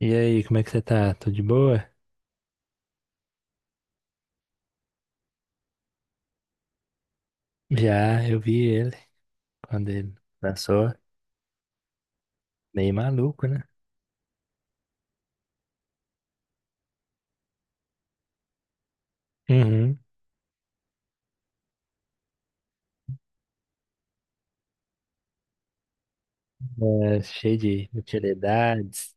E aí, como é que você tá? Tudo de boa? Já, eu vi ele quando ele lançou, meio maluco, né? Uhum. É, cheio de utilidades,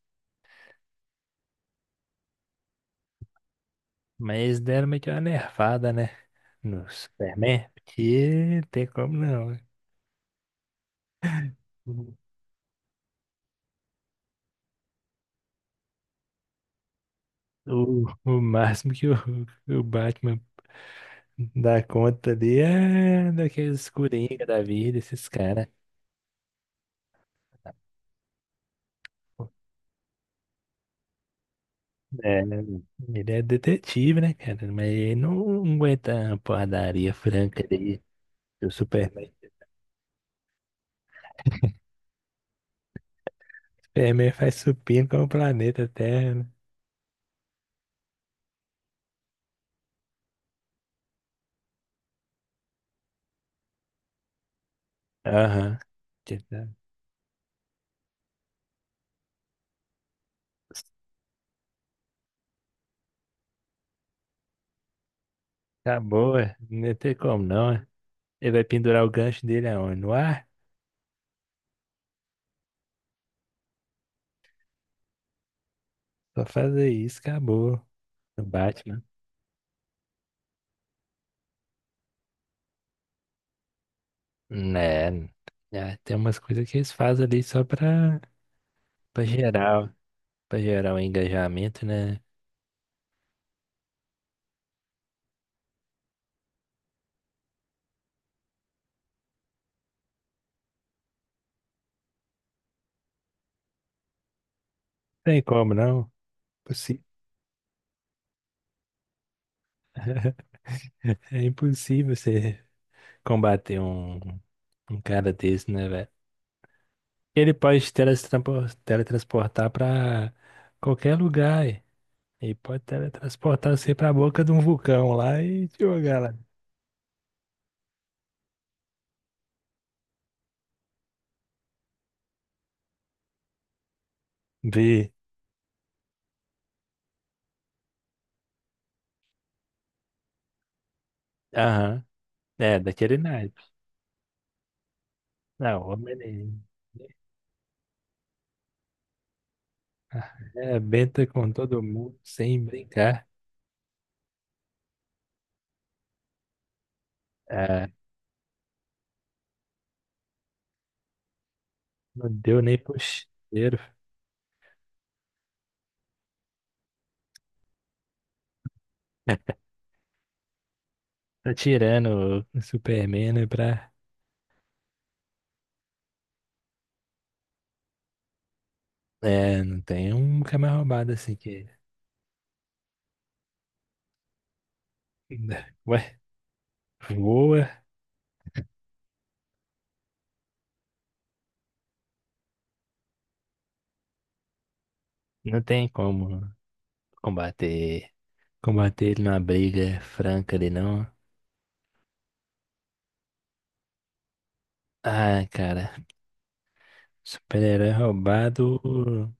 mas deram meio que uma nervada, né? No Superman, porque não tem como não, né? O máximo que o Batman dá conta ali é daqueles coringa da vida, esses caras. É, ele é detetive, né, cara? Mas ele não aguenta uma porradaria franca ali. O Superman. Superman faz supino com o planeta Terra, né? Aham. Tita- Acabou, é. Não tem como não, é. Ele vai pendurar o gancho dele aonde? No ar? Só fazer isso, acabou. No Batman. Né. né, tem umas coisas que eles fazem ali só pra gerar o engajamento, né? Tem como não. Possi- É impossível você combater um cara desse, né, velho? Ele pode teletransportar para qualquer lugar. E pode teletransportar você para a boca de um vulcão lá e te jogar lá. Vi. Aham. É, daquele naipe. Não, homem nenhum. Ah, é, benta com todo mundo sem brincar. Ah, não deu nem pro cheiro. Tá tirando o Superman, né, pra... É, não tem um camarada roubado assim que... Ué, voa. Não tem como combater. Combater ele numa briga franca ali, não. Ah, cara. Super-herói roubado. O,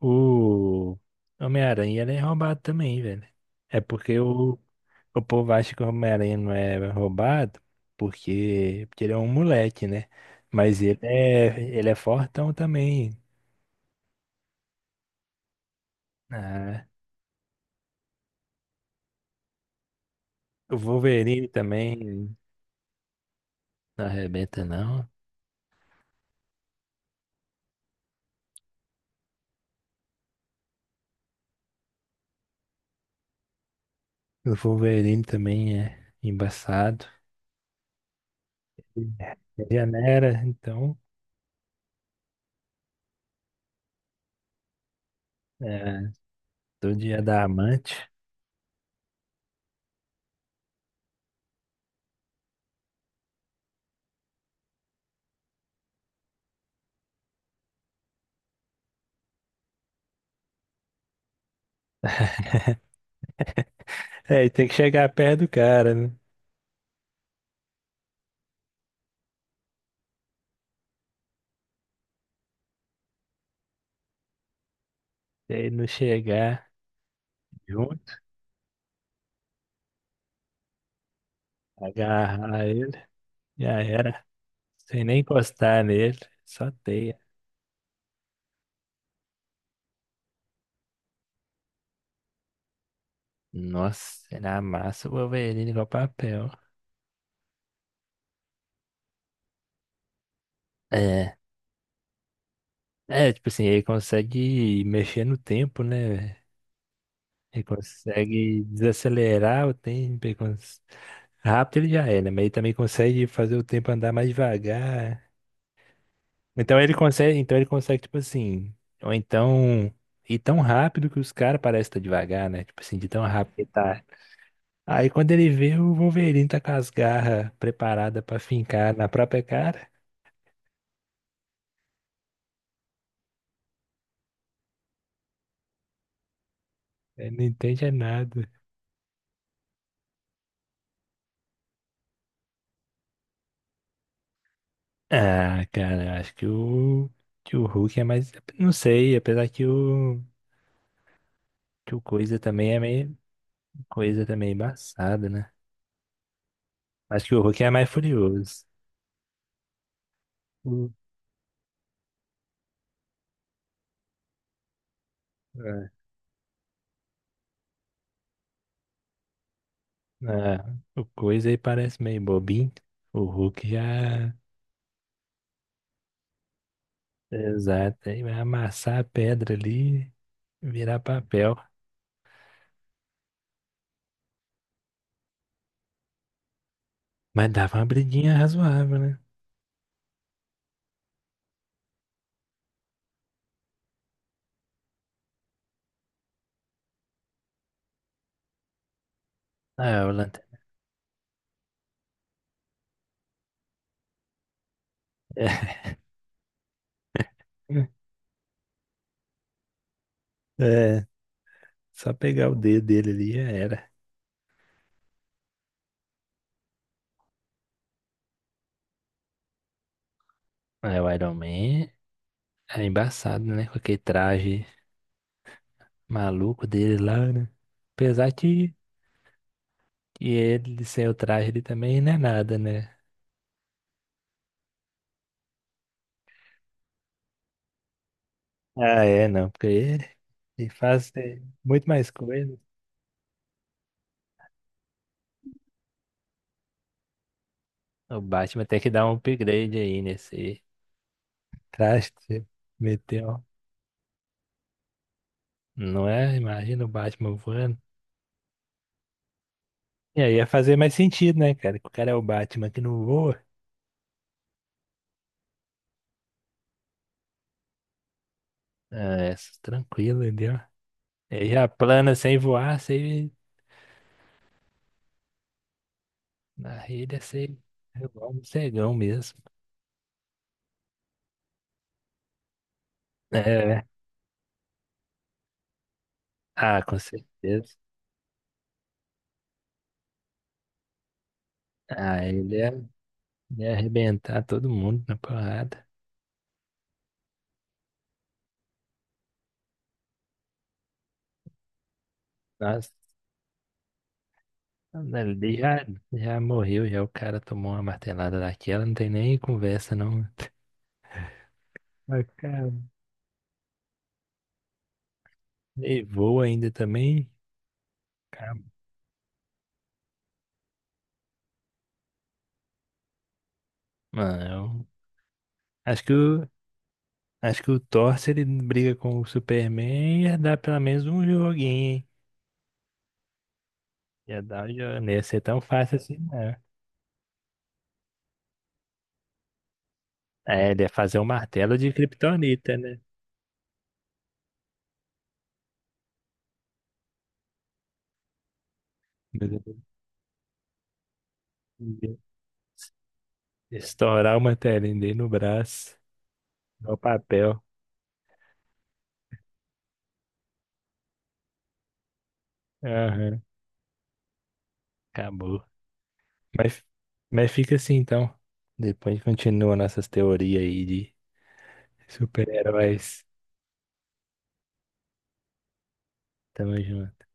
o Homem-Aranha ele é roubado também, velho. É porque o povo acha que o Homem-Aranha não é roubado porque ele é um moleque, né? Mas ele é fortão também. Ah, o Wolverine também não arrebenta, não. O Wolverine também é embaçado. Ele era então. É. Do dia é da amante. É, e tem que chegar perto do cara, né? Se ele não chegar junto, agarrar ele, já era. Sem nem encostar nele, só teia. Nossa, ele amassa o Wolverine igual papel. É, é, tipo assim, ele consegue mexer no tempo, né, velho? Ele consegue desacelerar o tempo. Ele cons- Rápido ele já é, né? Mas ele também consegue fazer o tempo andar mais devagar. Então ele consegue, tipo assim, ou então ir tão rápido que os caras parecem estar devagar, né? Tipo assim, de tão rápido que tá. Aí quando ele vê, o Wolverine tá com as garras preparadas pra fincar na própria cara, ele não entende é nada. Ah, cara, eu acho que o Hulk é mais. Não sei, apesar que o Coisa também é meio. Coisa também é, né? Acho que o Hulk é mais furioso. É, o coisa aí parece meio bobinho. O Hulk já. Exato, aí vai amassar a pedra ali, e virar papel. Mas dava uma briguinha razoável, né? Ah, é, o Lanterna. É, só pegar o dedo dele ali já era. Aí o Iron Man é embaçado, né? Com aquele traje maluco dele lá, né? Apesar que ele sem o traje ele também não é nada, né? Ah, é, não, porque ele faz é, muito mais coisa. O Batman tem que dar um upgrade aí nesse traje que você meteu. Não é? Imagina o Batman voando. E aí ia fazer mais sentido, né, cara? Que o cara é o Batman que não voa. É, s- tranquilo, entendeu? Ele já plana sem voar, sem... Na rede é sem... é igual um cegão mesmo. É, né? Ah, com certeza. Ah, ele ia arrebentar todo mundo na porrada. Nossa, ele já morreu, já o cara tomou uma martelada daquela, não tem nem conversa, não. Bacana. E voa ainda também. Cara, mano, eu acho que o Thor, se ele briga com o Superman, ia dar pelo menos um joguinho, hein? Ia dar um jogo. Não ia ser tão fácil assim, não. É, ele ia fazer um martelo de Kryptonita, né? Mas ele ia estourar o martelinho dele no braço, no papel. Aham, acabou. Mas, mas fica assim, então. Depois continua nossas teorias aí de super-heróis. Tamo junto.